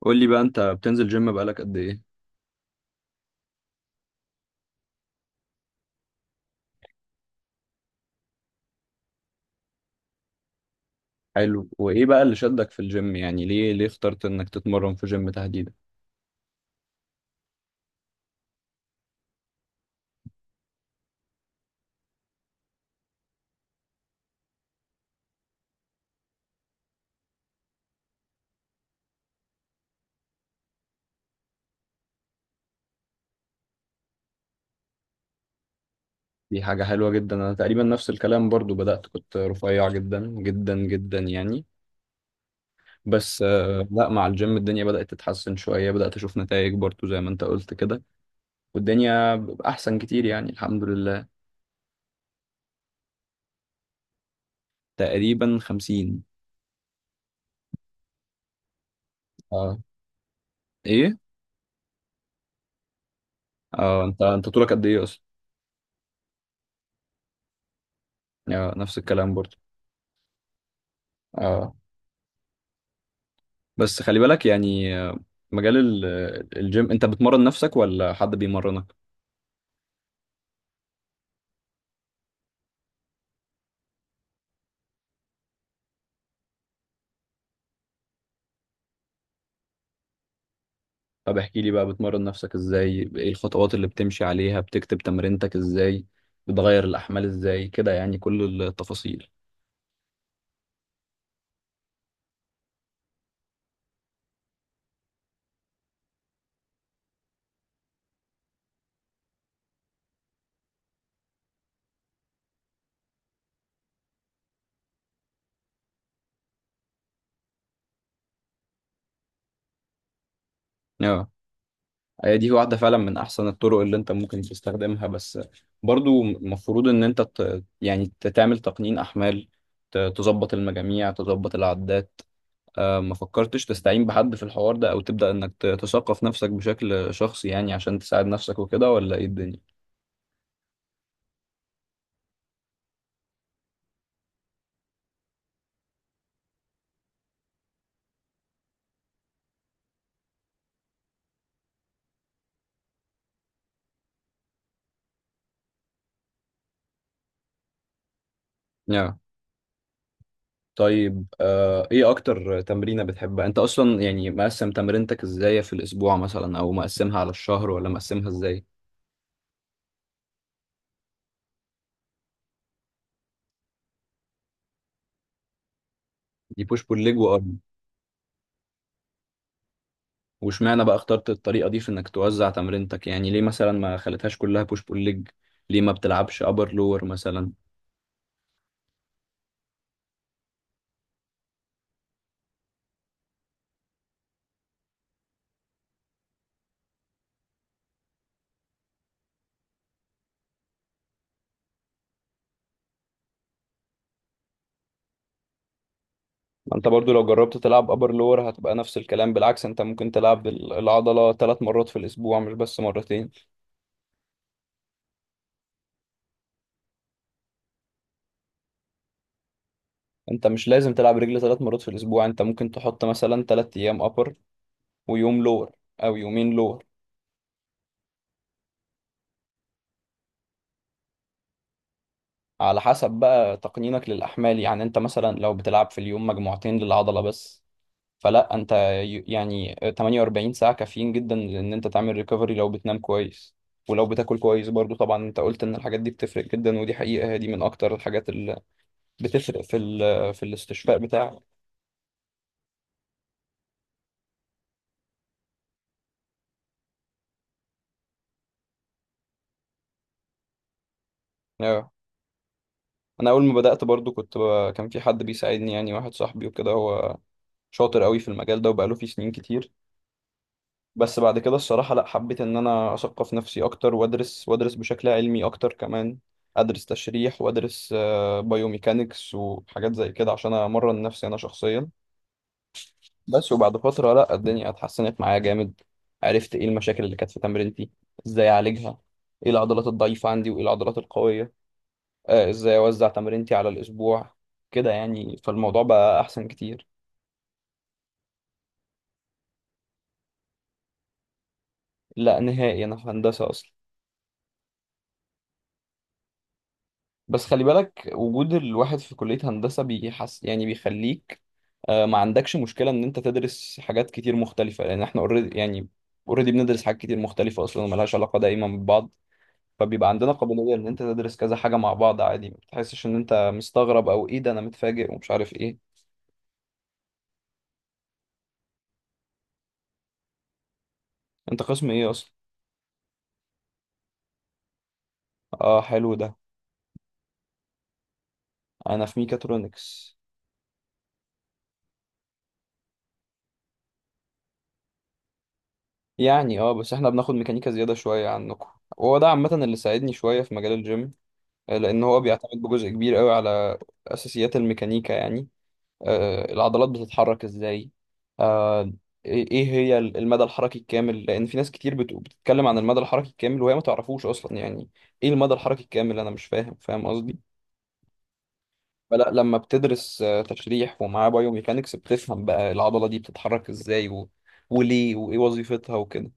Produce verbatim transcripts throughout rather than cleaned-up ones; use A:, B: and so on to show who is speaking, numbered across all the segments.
A: قول لي بقى انت بتنزل جيم بقالك قد ايه؟ حلو. وايه بقى اللي شدك في الجيم؟ يعني ليه ليه اخترت انك تتمرن في جيم تحديدا؟ دي حاجة حلوة جدا. انا تقريبا نفس الكلام برضو، بدأت كنت رفيع جدا جدا جدا يعني. بس آه، لا مع الجيم الدنيا بدأت تتحسن شوية، بدأت اشوف نتائج برضو زي ما انت قلت كده. والدنيا احسن كتير يعني الحمد لله. تقريبا خمسين. اه. ايه. اه، انت انت طولك قد ايه اصلا؟ آه، نفس الكلام برضو. اه. بس خلي بالك يعني آه، مجال ال- آه، الجيم، انت بتمرن نفسك ولا حد بيمرنك؟ طب احكي لي بقى، بتمرن نفسك ازاي؟ ايه الخطوات اللي بتمشي عليها؟ بتكتب تمرينتك ازاي؟ بتغير الاحمال ازاي كده؟ يعني كل التفاصيل. اه، هي دي واحدة فعلا من احسن الطرق اللي انت ممكن تستخدمها. بس برضو المفروض ان انت ت... يعني ت- تعمل تقنين احمال، ت- تظبط المجاميع، تظبط العدات. آه، ما فكرتش تستعين بحد في الحوار ده، او تبدأ انك ت- تثقف نفسك بشكل شخصي يعني عشان تساعد نفسك وكده؟ ولا ايه الدنيا؟ يا طيب، آه، ايه اكتر تمرينة بتحبها انت اصلا؟ يعني مقسم تمرينتك ازاي في الاسبوع؟ مثلا او مقسمها على الشهر ولا مقسمها ازاي؟ دي بوش بول ليج وارم. واشمعنى بقى اخترت الطريقة دي في انك توزع تمرينتك؟ يعني ليه مثلا ما خليتهاش كلها بوش بول ليج؟ ليه ما بتلعبش ابر لور مثلا؟ ما انت برضو لو جربت تلعب ابر لور هتبقى نفس الكلام، بالعكس انت ممكن تلعب ال- العضلة ثلاث مرات في الاسبوع مش بس مرتين. انت مش لازم تلعب رجل ثلاث مرات في الاسبوع، انت ممكن تحط مثلا ثلاث ايام ابر ويوم لور، او يومين لور. على حسب بقى تقنينك للاحمال. يعني انت مثلا لو بتلعب في اليوم مجموعتين للعضلة بس، فلا انت ي- يعني ثمانية وأربعين ساعة كافيين جدا ان انت تعمل ريكفري، لو بتنام كويس ولو بتاكل كويس برضو. طبعا انت قلت ان الحاجات دي بتفرق جدا، ودي حقيقة، هي دي من اكتر الحاجات بتفرق في ال... في الاستشفاء بتاعك. آه. انا اول ما بدأت برضو كنت ب... كان في حد بيساعدني يعني، واحد صاحبي وكده، هو شاطر قوي في المجال ده وبقاله فيه سنين كتير. بس بعد كده الصراحة لا، حبيت ان انا اثقف نفسي اكتر وادرس، وادرس بشكل علمي اكتر كمان. ادرس تشريح وادرس بايوميكانكس وحاجات زي كده عشان امرن نفسي انا شخصيا. بس وبعد فترة لا الدنيا اتحسنت معايا جامد، عرفت ايه المشاكل اللي كانت في تمرينتي، ازاي اعالجها، ايه العضلات الضعيفة عندي وايه العضلات القوية، آه، ازاي اوزع تمرينتي على الاسبوع كده يعني. فالموضوع بقى احسن كتير. لا نهائي، انا في هندسة اصلا. بس خلي بالك، وجود الواحد في كلية هندسة بيحس يعني، بيخليك آه، ما عندكش مشكلة ان انت تدرس حاجات كتير مختلفة، لان احنا اوريدي يعني اوريدي بندرس حاجات كتير مختلفة اصلا وملهاش علاقة دايما ببعض. فبيبقى عندنا قابلية ان انت تدرس كذا حاجة مع بعض عادي، ما بتحسش ان انت مستغرب او ايه ده انا متفاجئ ومش عارف ايه. انت قسم ايه اصلا؟ اه حلو ده. انا في ميكاترونكس. يعني اه، بس احنا بناخد ميكانيكا زيادة شوية عنكم، وهو ده عامة اللي ساعدني شوية في مجال الجيم. آه، لأن هو بيعتمد بجزء كبير قوي على أساسيات الميكانيكا يعني. آه، العضلات بتتحرك ازاي، آه، ايه إيه هي ال- المدى الحركي الكامل؟ لأن في ناس كتير بت- بتتكلم عن المدى الحركي الكامل وهي ما تعرفوش أصلا يعني ايه المدى الحركي الكامل، أنا مش فاهم فاهم قصدي. فلا لما بتدرس آه، تشريح ومعاه بايوميكانكس، بتفهم بقى العضلة دي بتتحرك ازاي و... وليه، وايه وظيفتها وكده.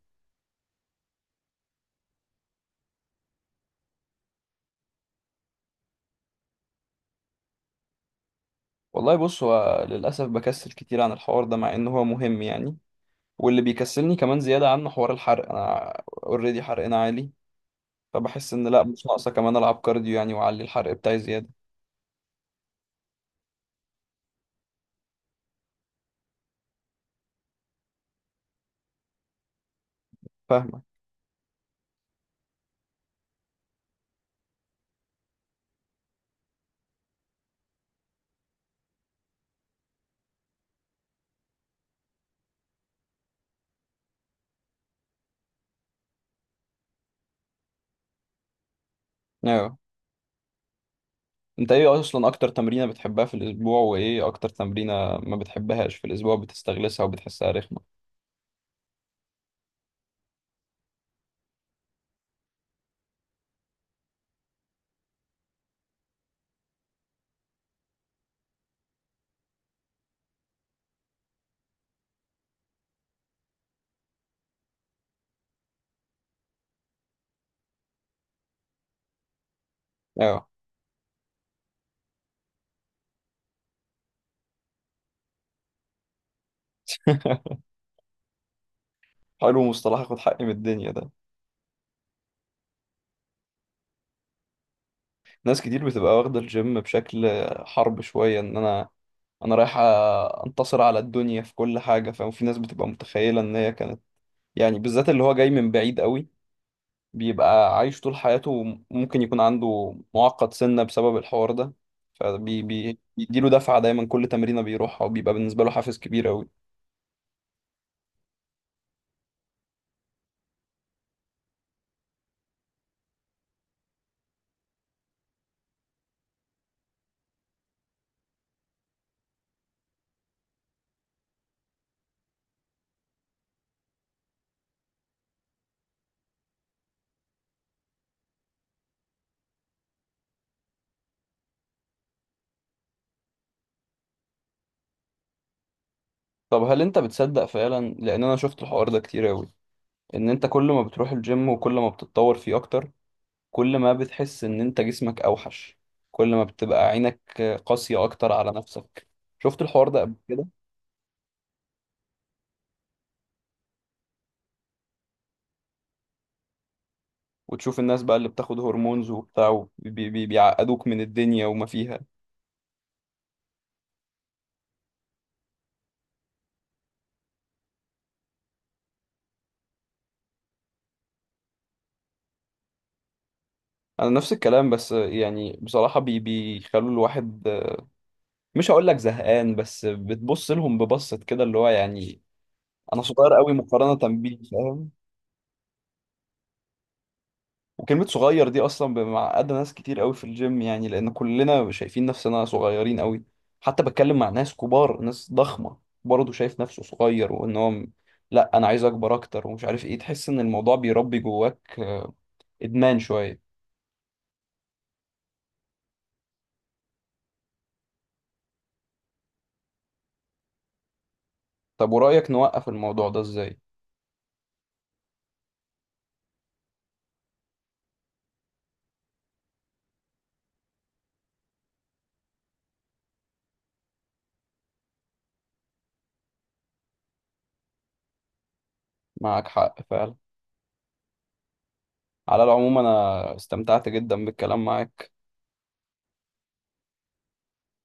A: والله بص، هو للأسف بكسل كتير عن الحوار ده مع إن هو مهم يعني. واللي بيكسلني كمان زيادة عنه حوار الحرق. أنا أوريدي حرقنا عالي، فبحس إن لأ مش ناقصة كمان ألعب كارديو يعني وأعلي الحرق بتاعي زيادة. فاهمك. أيوه. أنت إيه أصلا أكتر تمرينة بتحبها في الأسبوع، وإيه أكتر تمرينة ما بتحبهاش في الأسبوع بتستغلسها وبتحسها رخمة؟ أيوه. حلو مصطلح آخد حقي من الدنيا ده. ناس كتير بتبقى واخدة الجيم بشكل حرب شوية، ان انا انا رايح أ- انتصر على الدنيا في كل حاجة، فاهم؟ في ناس بتبقى متخيلة ان هي كانت يعني، بالذات اللي هو جاي من بعيد قوي، بيبقى عايش طول حياته ممكن يكون عنده معقد سنة بسبب الحوار ده. فبيديله دفعة دايما كل تمرينة بيروحها، وبيبقى بالنسبة له حافز كبير قوي. طب هل انت بتصدق فعلا، لان انا شفت الحوار ده كتير قوي، ان انت كل ما بتروح الجيم وكل ما بتتطور فيه اكتر، كل ما بتحس ان انت جسمك اوحش، كل ما بتبقى عينك قاسية اكتر على نفسك؟ شفت الحوار ده قبل كده؟ وتشوف الناس بقى اللي بتاخد هرمونز وبتاع وبي- بي- بيعقدوك من الدنيا وما فيها. انا نفس الكلام، بس يعني بصراحة بي بيخلوا الواحد مش هقول لك زهقان، بس بتبص لهم ببصة كده اللي هو يعني انا صغير قوي مقارنة بيه، فاهم؟ وكلمة صغير دي أصلا ب- معقدة ناس كتير قوي في الجيم، يعني لأن كلنا شايفين نفسنا صغيرين قوي. حتى بتكلم مع ناس كبار، ناس ضخمة، برضه شايف نفسه صغير، وإن هو م- لأ أنا عايز أكبر أكتر ومش عارف إيه. تحس إن الموضوع بيربي جواك آه، إدمان شوية. طب ورأيك نوقف الموضوع ده إزاي؟ معاك حق فعلا. على العموم أنا استمتعت جدا بالكلام معاك.